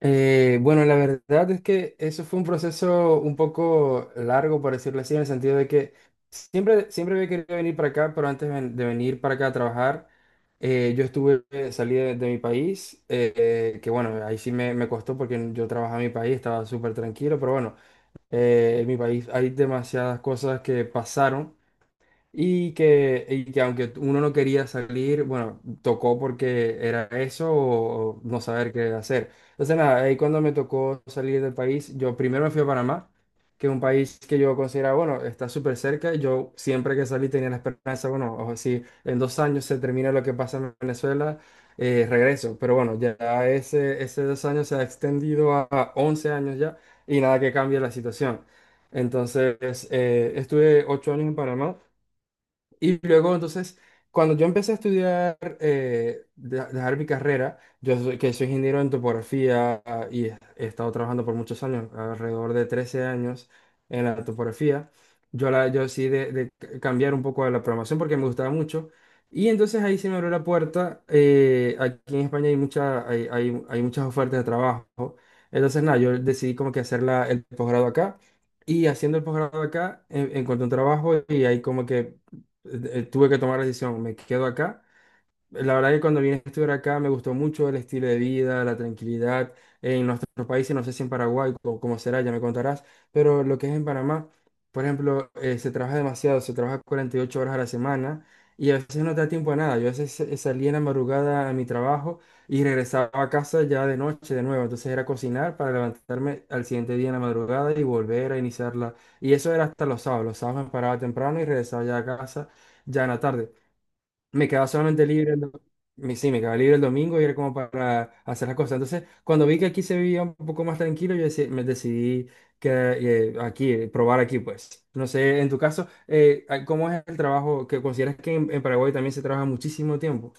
Bueno, la verdad es que eso fue un proceso un poco largo, por decirlo así, en el sentido de que siempre había querido venir para acá, pero antes de venir para acá a trabajar, yo estuve, salí de mi país, que bueno, ahí sí me costó porque yo trabajaba en mi país, estaba súper tranquilo, pero bueno, en mi país hay demasiadas cosas que pasaron y que aunque uno no quería salir, bueno, tocó porque era eso o no saber qué hacer. Entonces, nada, ahí cuando me tocó salir del país, yo primero me fui a Panamá, que es un país que yo consideraba, bueno, está súper cerca. Yo siempre que salí tenía la esperanza, bueno, o si en 2 años se termina lo que pasa en Venezuela, regreso. Pero bueno, ya ese dos años se ha extendido a 11 años ya y nada que cambie la situación. Entonces, estuve 8 años en Panamá. Y luego, entonces, cuando yo empecé a estudiar, dejar mi carrera, que soy ingeniero en topografía, ah, y he estado trabajando por muchos años, alrededor de 13 años en la topografía, yo decidí cambiar un poco de la programación porque me gustaba mucho. Y entonces ahí se me abrió la puerta. Aquí en España hay muchas ofertas de trabajo. Entonces, nada, yo decidí como que hacer el posgrado acá. Y haciendo el posgrado acá, encontré un trabajo y ahí como que tuve que tomar la decisión, me quedo acá. La verdad que cuando vine a estudiar acá me gustó mucho el estilo de vida, la tranquilidad. En nuestros países, no sé si en Paraguay o cómo será, ya me contarás, pero lo que es en Panamá, por ejemplo, se trabaja demasiado, se trabaja 48 horas a la semana y a veces no te da tiempo a nada. Yo a veces salía en la madrugada a mi trabajo y regresaba a casa ya de noche de nuevo. Entonces era cocinar para levantarme al siguiente día en la madrugada y volver a iniciarla. Y eso era hasta los sábados. Los sábados me paraba temprano y regresaba ya a casa ya en la tarde, me quedaba solamente libre sí, me quedaba libre el domingo y era como para hacer las cosas. Entonces, cuando vi que aquí se vivía un poco más tranquilo, me decidí que probar aquí, pues. No sé, en tu caso, ¿cómo es el trabajo que consideras que en Paraguay también se trabaja muchísimo tiempo?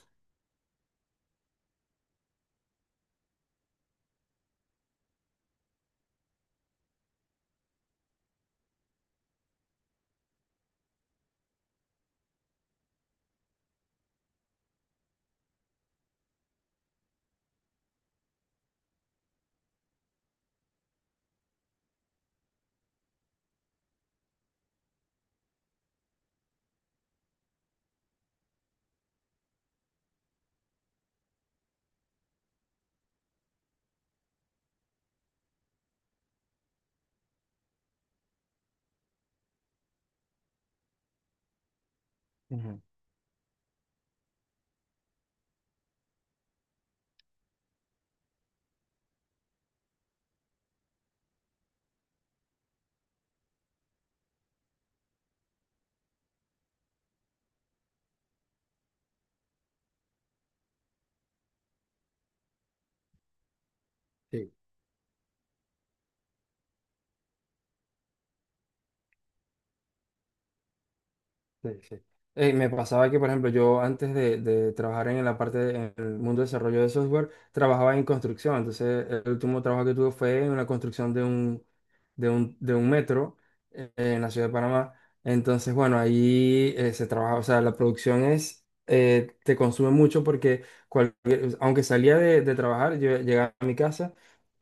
Ujú. Sí, sí. Me pasaba que, por ejemplo, yo antes de trabajar en en el mundo de desarrollo de software, trabajaba en construcción. Entonces, el último trabajo que tuve fue en una construcción de un metro en la ciudad de Panamá. Entonces, bueno, ahí se trabaja, o sea, la producción es, te consume mucho porque cualquier- aunque salía de trabajar, yo llegaba a mi casa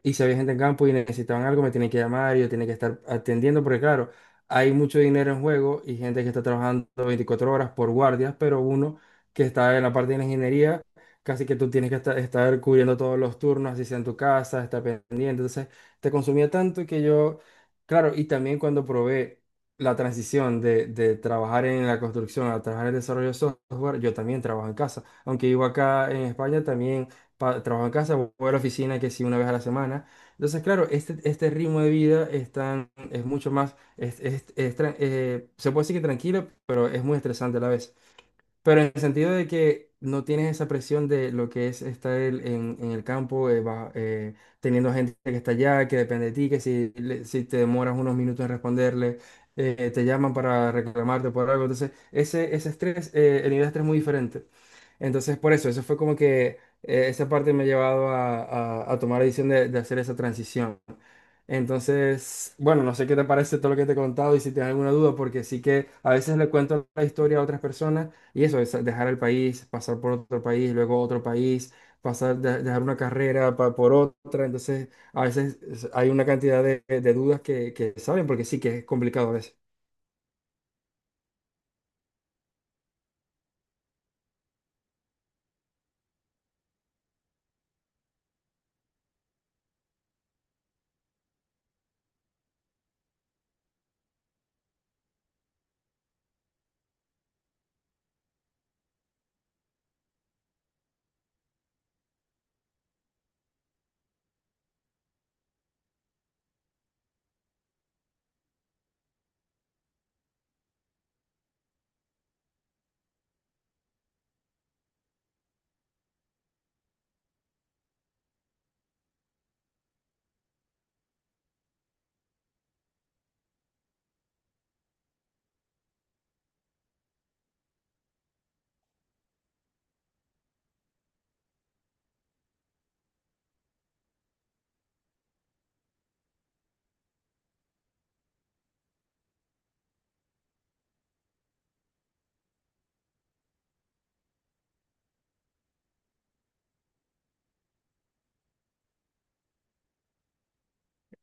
y si había gente en campo y necesitaban algo, me tienen que llamar y yo tenía que estar atendiendo, porque claro, hay mucho dinero en juego y gente que está trabajando 24 horas por guardias, pero uno que está en la parte de la ingeniería, casi que tú tienes que estar cubriendo todos los turnos, así sea en tu casa, estar pendiente. Entonces, te consumía tanto que yo, claro, y también cuando probé la transición de trabajar en la construcción a trabajar en el desarrollo de software, yo también trabajo en casa. Aunque vivo acá en España, también trabajo en casa, voy a la oficina que sí una vez a la semana. Entonces, claro, este ritmo de vida es mucho más se puede decir que tranquilo, pero es muy estresante a la vez. Pero en el sentido de que no tienes esa presión de lo que es estar en el campo, teniendo gente que está allá, que depende de ti, que si te demoras unos minutos en responderle, te llaman para reclamarte por algo. Entonces, ese estrés, el nivel de estrés es muy diferente. Entonces, por eso, eso fue como que esa parte me ha llevado a tomar la decisión de hacer esa transición. Entonces, bueno, no sé qué te parece todo lo que te he contado y si tienes alguna duda, porque sí que a veces le cuento la historia a otras personas y eso, es dejar el país, pasar por otro país, luego otro país, pasar, dejar una carrera por otra. Entonces, a veces es- hay una cantidad de dudas que saben, porque sí que es complicado a veces.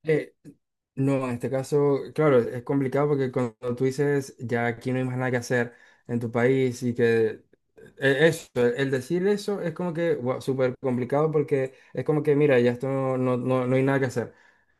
Eh, no, en este caso, claro, es complicado porque cuando tú dices ya aquí no hay más nada que hacer en tu país y que eso, el decir eso es como que wow, súper complicado porque es como que mira, ya esto no, no, no hay nada que hacer.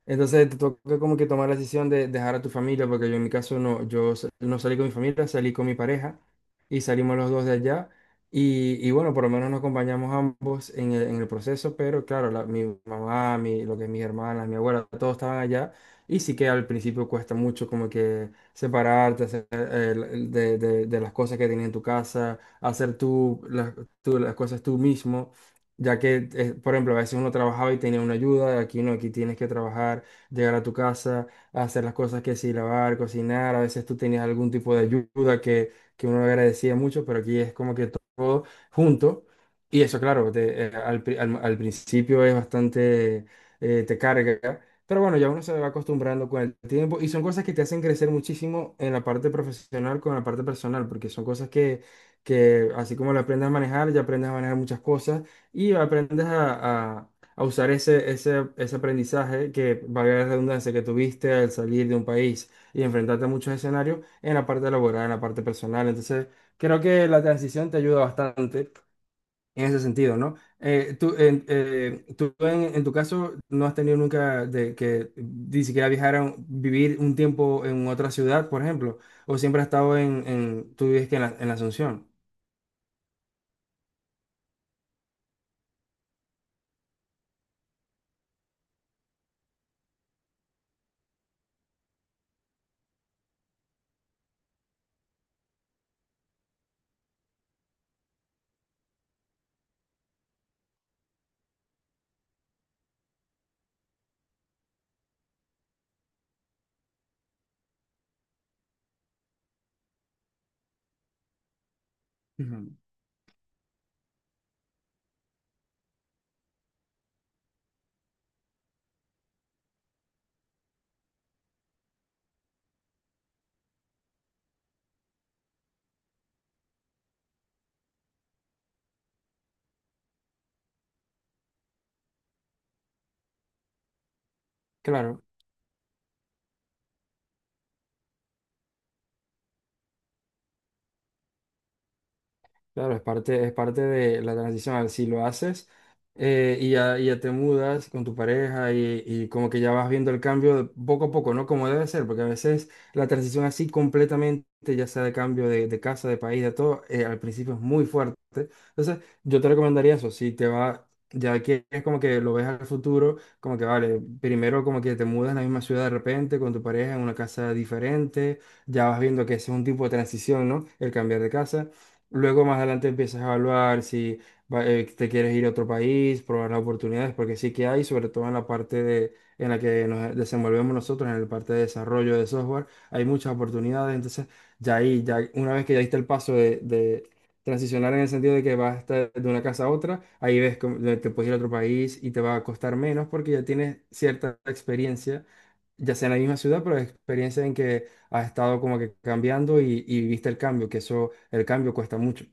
Entonces te toca como que tomar la decisión de dejar a tu familia, porque yo en mi caso no, no salí con mi familia, salí con mi pareja y salimos los dos de allá. Y bueno, por lo menos nos acompañamos ambos en en el proceso, pero claro, mi mamá, mi, lo que es mis hermanas, mi abuela, todos estaban allá. Y sí que al principio cuesta mucho como que separarte hacer, de las cosas que tienes en tu casa, hacer tú las cosas tú mismo. Ya que, por ejemplo, a veces uno trabajaba y tenía una ayuda, aquí no, aquí tienes que trabajar, llegar a tu casa, hacer las cosas que sí, lavar, cocinar, a veces tú tenías algún tipo de ayuda que uno agradecía mucho, pero aquí es como que todo junto. Y eso, claro, al principio es bastante, te carga, pero bueno, ya uno se va acostumbrando con el tiempo y son cosas que te hacen crecer muchísimo en la parte profesional con la parte personal, porque son cosas que así como lo aprendes a manejar, ya aprendes a manejar muchas cosas y aprendes a usar ese aprendizaje que, valga la redundancia, que tuviste al salir de un país y enfrentarte a muchos escenarios en la parte laboral, en la parte personal. Entonces, creo que la transición te ayuda bastante en ese sentido, ¿no? En tu caso no has tenido nunca de que ni siquiera vivir un tiempo en otra ciudad, por ejemplo, o siempre has estado en tú vives que en la Asunción. Ujú. Claro. Claro, es parte de la transición. A ver, si lo haces, y ya te mudas con tu pareja y como que ya vas viendo el cambio de poco a poco, ¿no? Como debe ser, porque a veces la transición así completamente, ya sea de cambio de casa, de país, de todo, al principio es muy fuerte. Entonces, yo te recomendaría eso. Si te va, ya que es como que lo ves al futuro, como que vale, primero como que te mudas en la misma ciudad de repente con tu pareja en una casa diferente, ya vas viendo que ese es un tipo de transición, ¿no? El cambiar de casa. Luego más adelante empiezas a evaluar si te quieres ir a otro país, probar las oportunidades, porque sí que hay, sobre todo en la parte de, en la que nos desenvolvemos nosotros, en la parte de desarrollo de software, hay muchas oportunidades. Entonces, ya ahí, ya una vez que ya diste el paso de transicionar en el sentido de que vas a estar de una casa a otra, ahí ves cómo- te puedes ir a otro país y te va a costar menos porque ya tienes cierta experiencia ya sea en la misma ciudad, pero experiencia en que has estado como que cambiando y viste el cambio, que eso, el cambio cuesta mucho.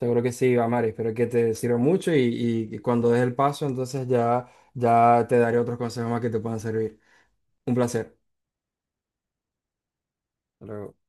Seguro que sí, Amari, espero que te sirva mucho y, y cuando des el paso, entonces ya, ya te daré otros consejos más que te puedan servir. Un placer. Hasta luego.